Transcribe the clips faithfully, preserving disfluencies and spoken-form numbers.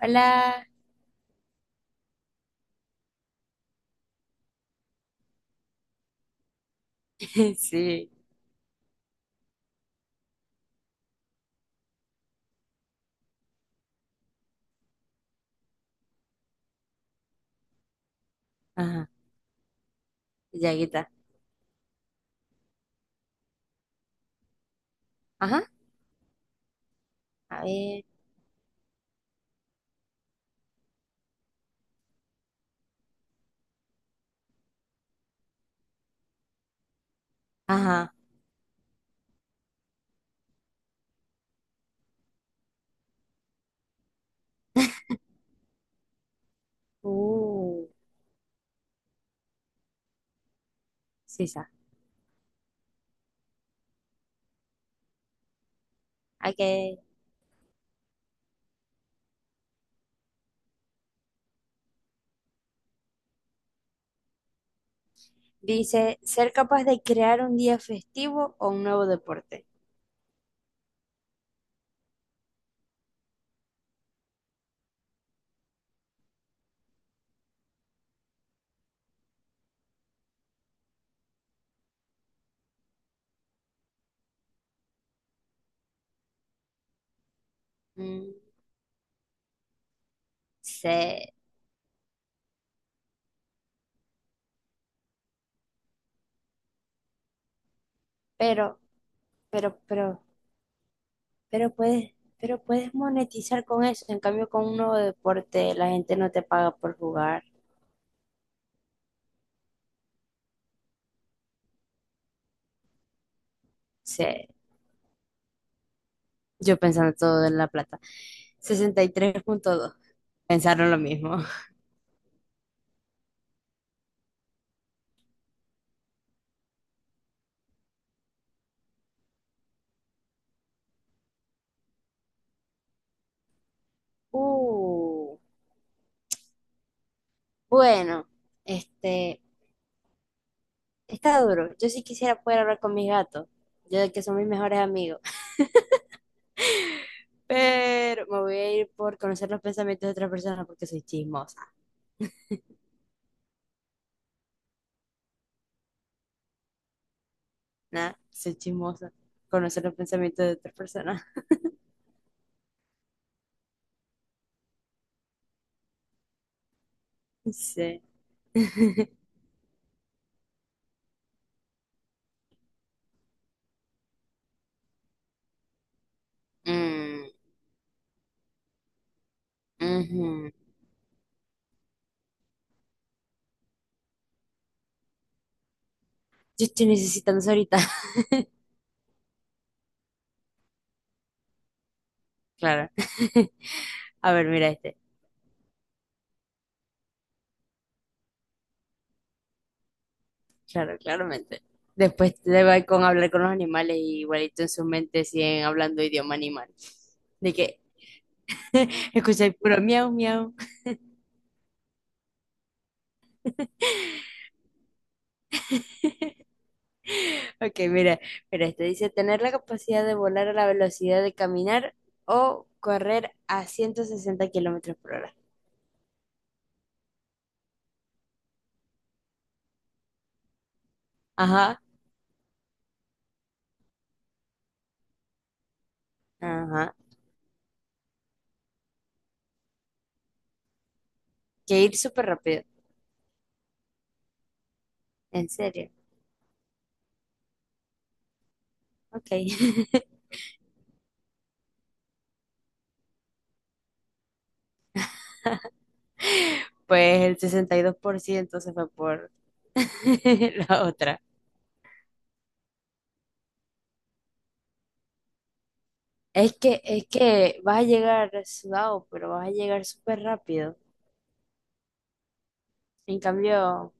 Hola. Sí. Ajá. Llaguita. Ajá. A ver. Ajá. Uh. Sí, ya. Ok. Dice, ser capaz de crear un día festivo o un nuevo deporte. Mm, sí. Pero, pero, pero, pero puedes, pero puedes monetizar con eso. En cambio, con un nuevo deporte, la gente no te paga por jugar. Sí. Yo pensando todo en la plata. Sesenta y tres punto dos. Pensaron lo mismo. Uh. Bueno, este, está duro. Yo sí quisiera poder hablar con mis gatos, yo que son mis mejores amigos, pero me voy a ir por conocer los pensamientos de otras personas porque soy chismosa, ¿no? Soy chismosa. Conocer los pensamientos de otras personas. Sí. Mm, ujú. Yo estoy necesitando eso ahorita. Claro. A ver, mira este. Claro, claramente. Después te va con hablar con los animales y igualito en su mente siguen hablando idioma animal. De que escucháis puro miau, miau. Ok, mira, mira, este dice tener la capacidad de volar a la velocidad de caminar o correr a ciento sesenta kilómetros por hora. Ajá, ajá. Que ir súper rápido. En serio. Ok. Pues el sesenta y dos por ciento se fue por la otra. Es que, es que vas a llegar sudado, pero vas a llegar súper rápido. En cambio,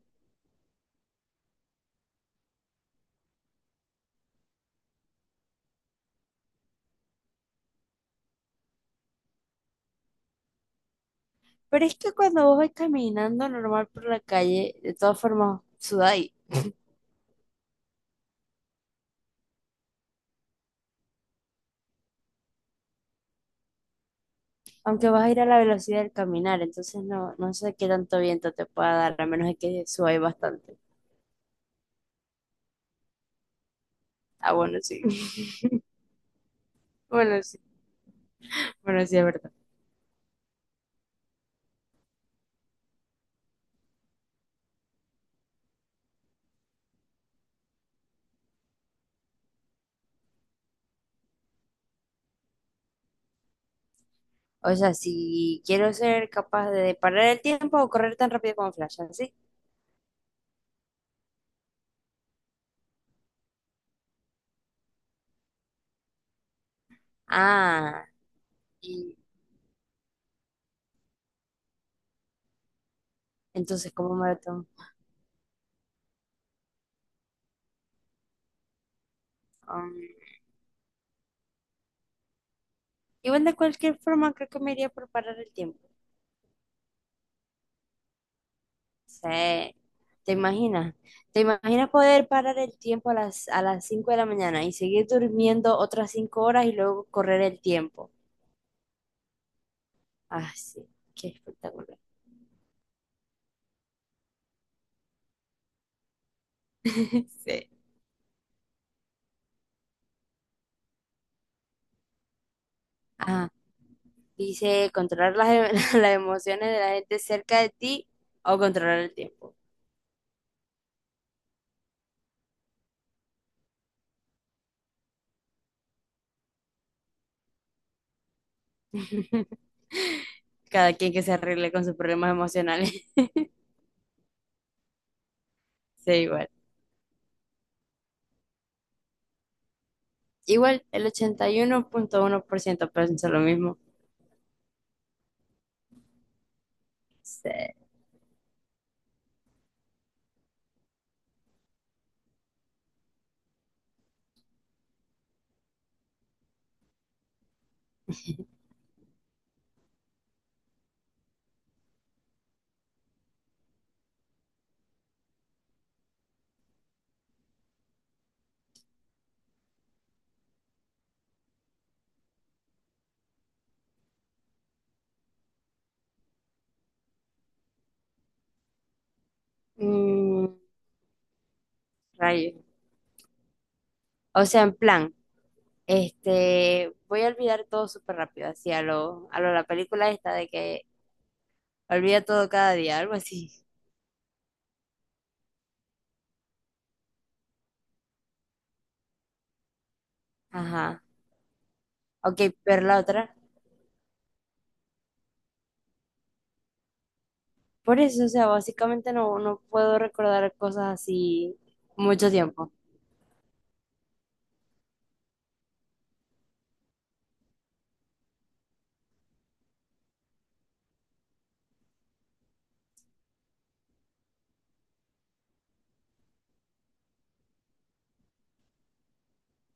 pero es que cuando vos vas caminando normal por la calle, de todas formas, sudás. Aunque vas a ir a la velocidad del caminar, entonces no, no sé qué tanto viento te pueda dar, a menos de que suba bastante. Ah, bueno, sí. Bueno, sí. Bueno, sí, es verdad. O sea, si quiero ser capaz de parar el tiempo o correr tan rápido como Flash, ¿sí? Ah, y entonces, ¿cómo maratón? Um, Igual de cualquier forma, creo que me iría por parar el tiempo. Sí. ¿Te imaginas? ¿Te imaginas poder parar el tiempo a las, a las cinco de la mañana y seguir durmiendo otras cinco horas y luego correr el tiempo? Ah, sí, qué espectacular. Sí. Ah, dice controlar las, em- las emociones de la gente cerca de ti o controlar el tiempo. Cada quien que se arregle con sus problemas emocionales. Sí, igual. Igual, el ochenta y uno uno punto uno por ciento piensa lo mismo. Sí. Mm, rayos. O sea, en plan, este, voy a olvidar todo súper rápido, así a lo, a lo la película esta de que olvida todo cada día, algo así. Ajá. Ok, pero la otra. Por eso, o sea, básicamente no, no puedo recordar cosas así mucho tiempo.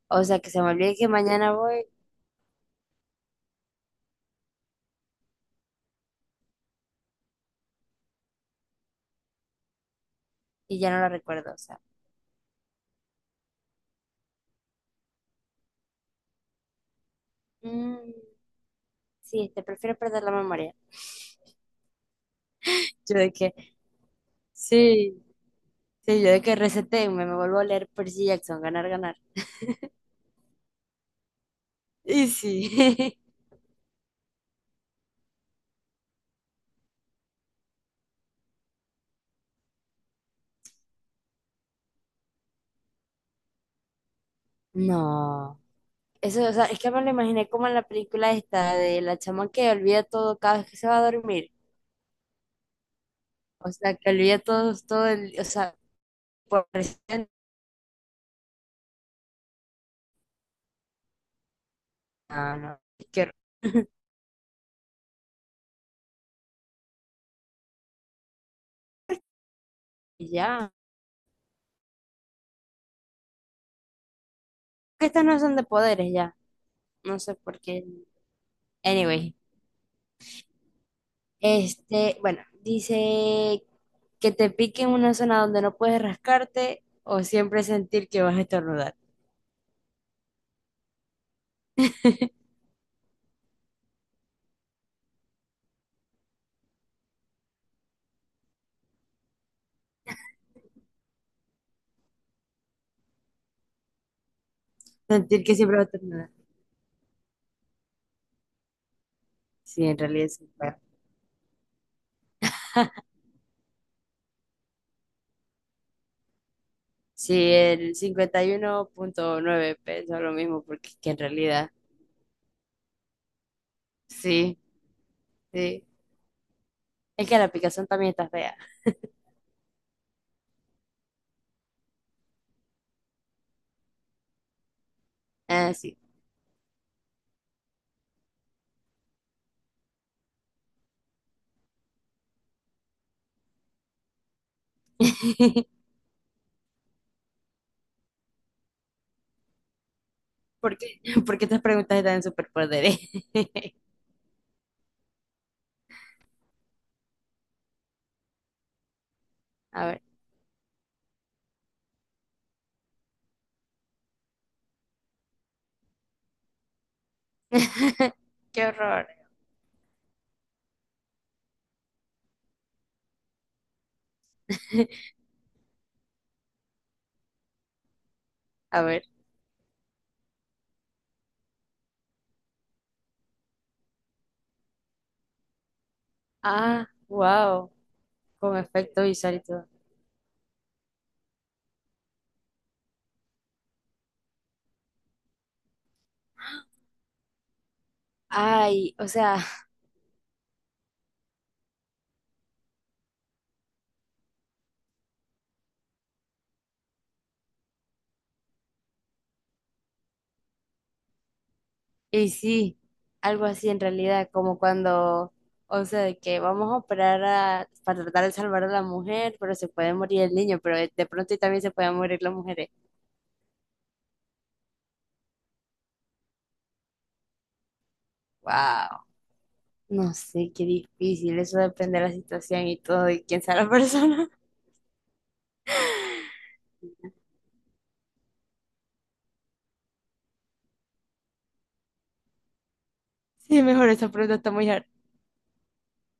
O sea, que se me olvide que mañana voy y ya no la recuerdo. O sea, mm, sí, te prefiero perder la memoria. Yo de que, sí, sí, yo de que resetéenme, me vuelvo a leer Percy Jackson, ganar, ganar. Y sí. No. Eso, o sea, es que me lo imaginé como en la película esta de la chama que olvida todo cada vez que se va a dormir. O sea, que olvida todo, todo el, o sea, por presente. No, no, qué horror. Ya. Que estas no son de poderes ya. No sé por qué. Anyway, este, bueno, dice que te pique en una zona donde no puedes rascarte o siempre sentir que vas a estornudar. Sentir que siempre vas a estornudar. Sí, en realidad sí. Bueno. Sí, el cincuenta y uno punto nueve pensó lo mismo porque es que en realidad, sí, sí. Es que la picazón también está fea. Ah, sí. ¿Por qué? ¿Por qué estas preguntas están en superpoderes? A ver. Qué horror. A ver. Ah, wow, con efecto visual y todo. Ay, o sea, y sí, algo así en realidad, como cuando, o sea, de que vamos a operar a- para tratar de salvar a la mujer, pero se puede morir el niño, pero de, de pronto y también se pueden morir las mujeres. Wow, no sé, qué difícil, eso depende de la situación y todo, y quién sea la persona. Sí, mejor esa pregunta está muy hard.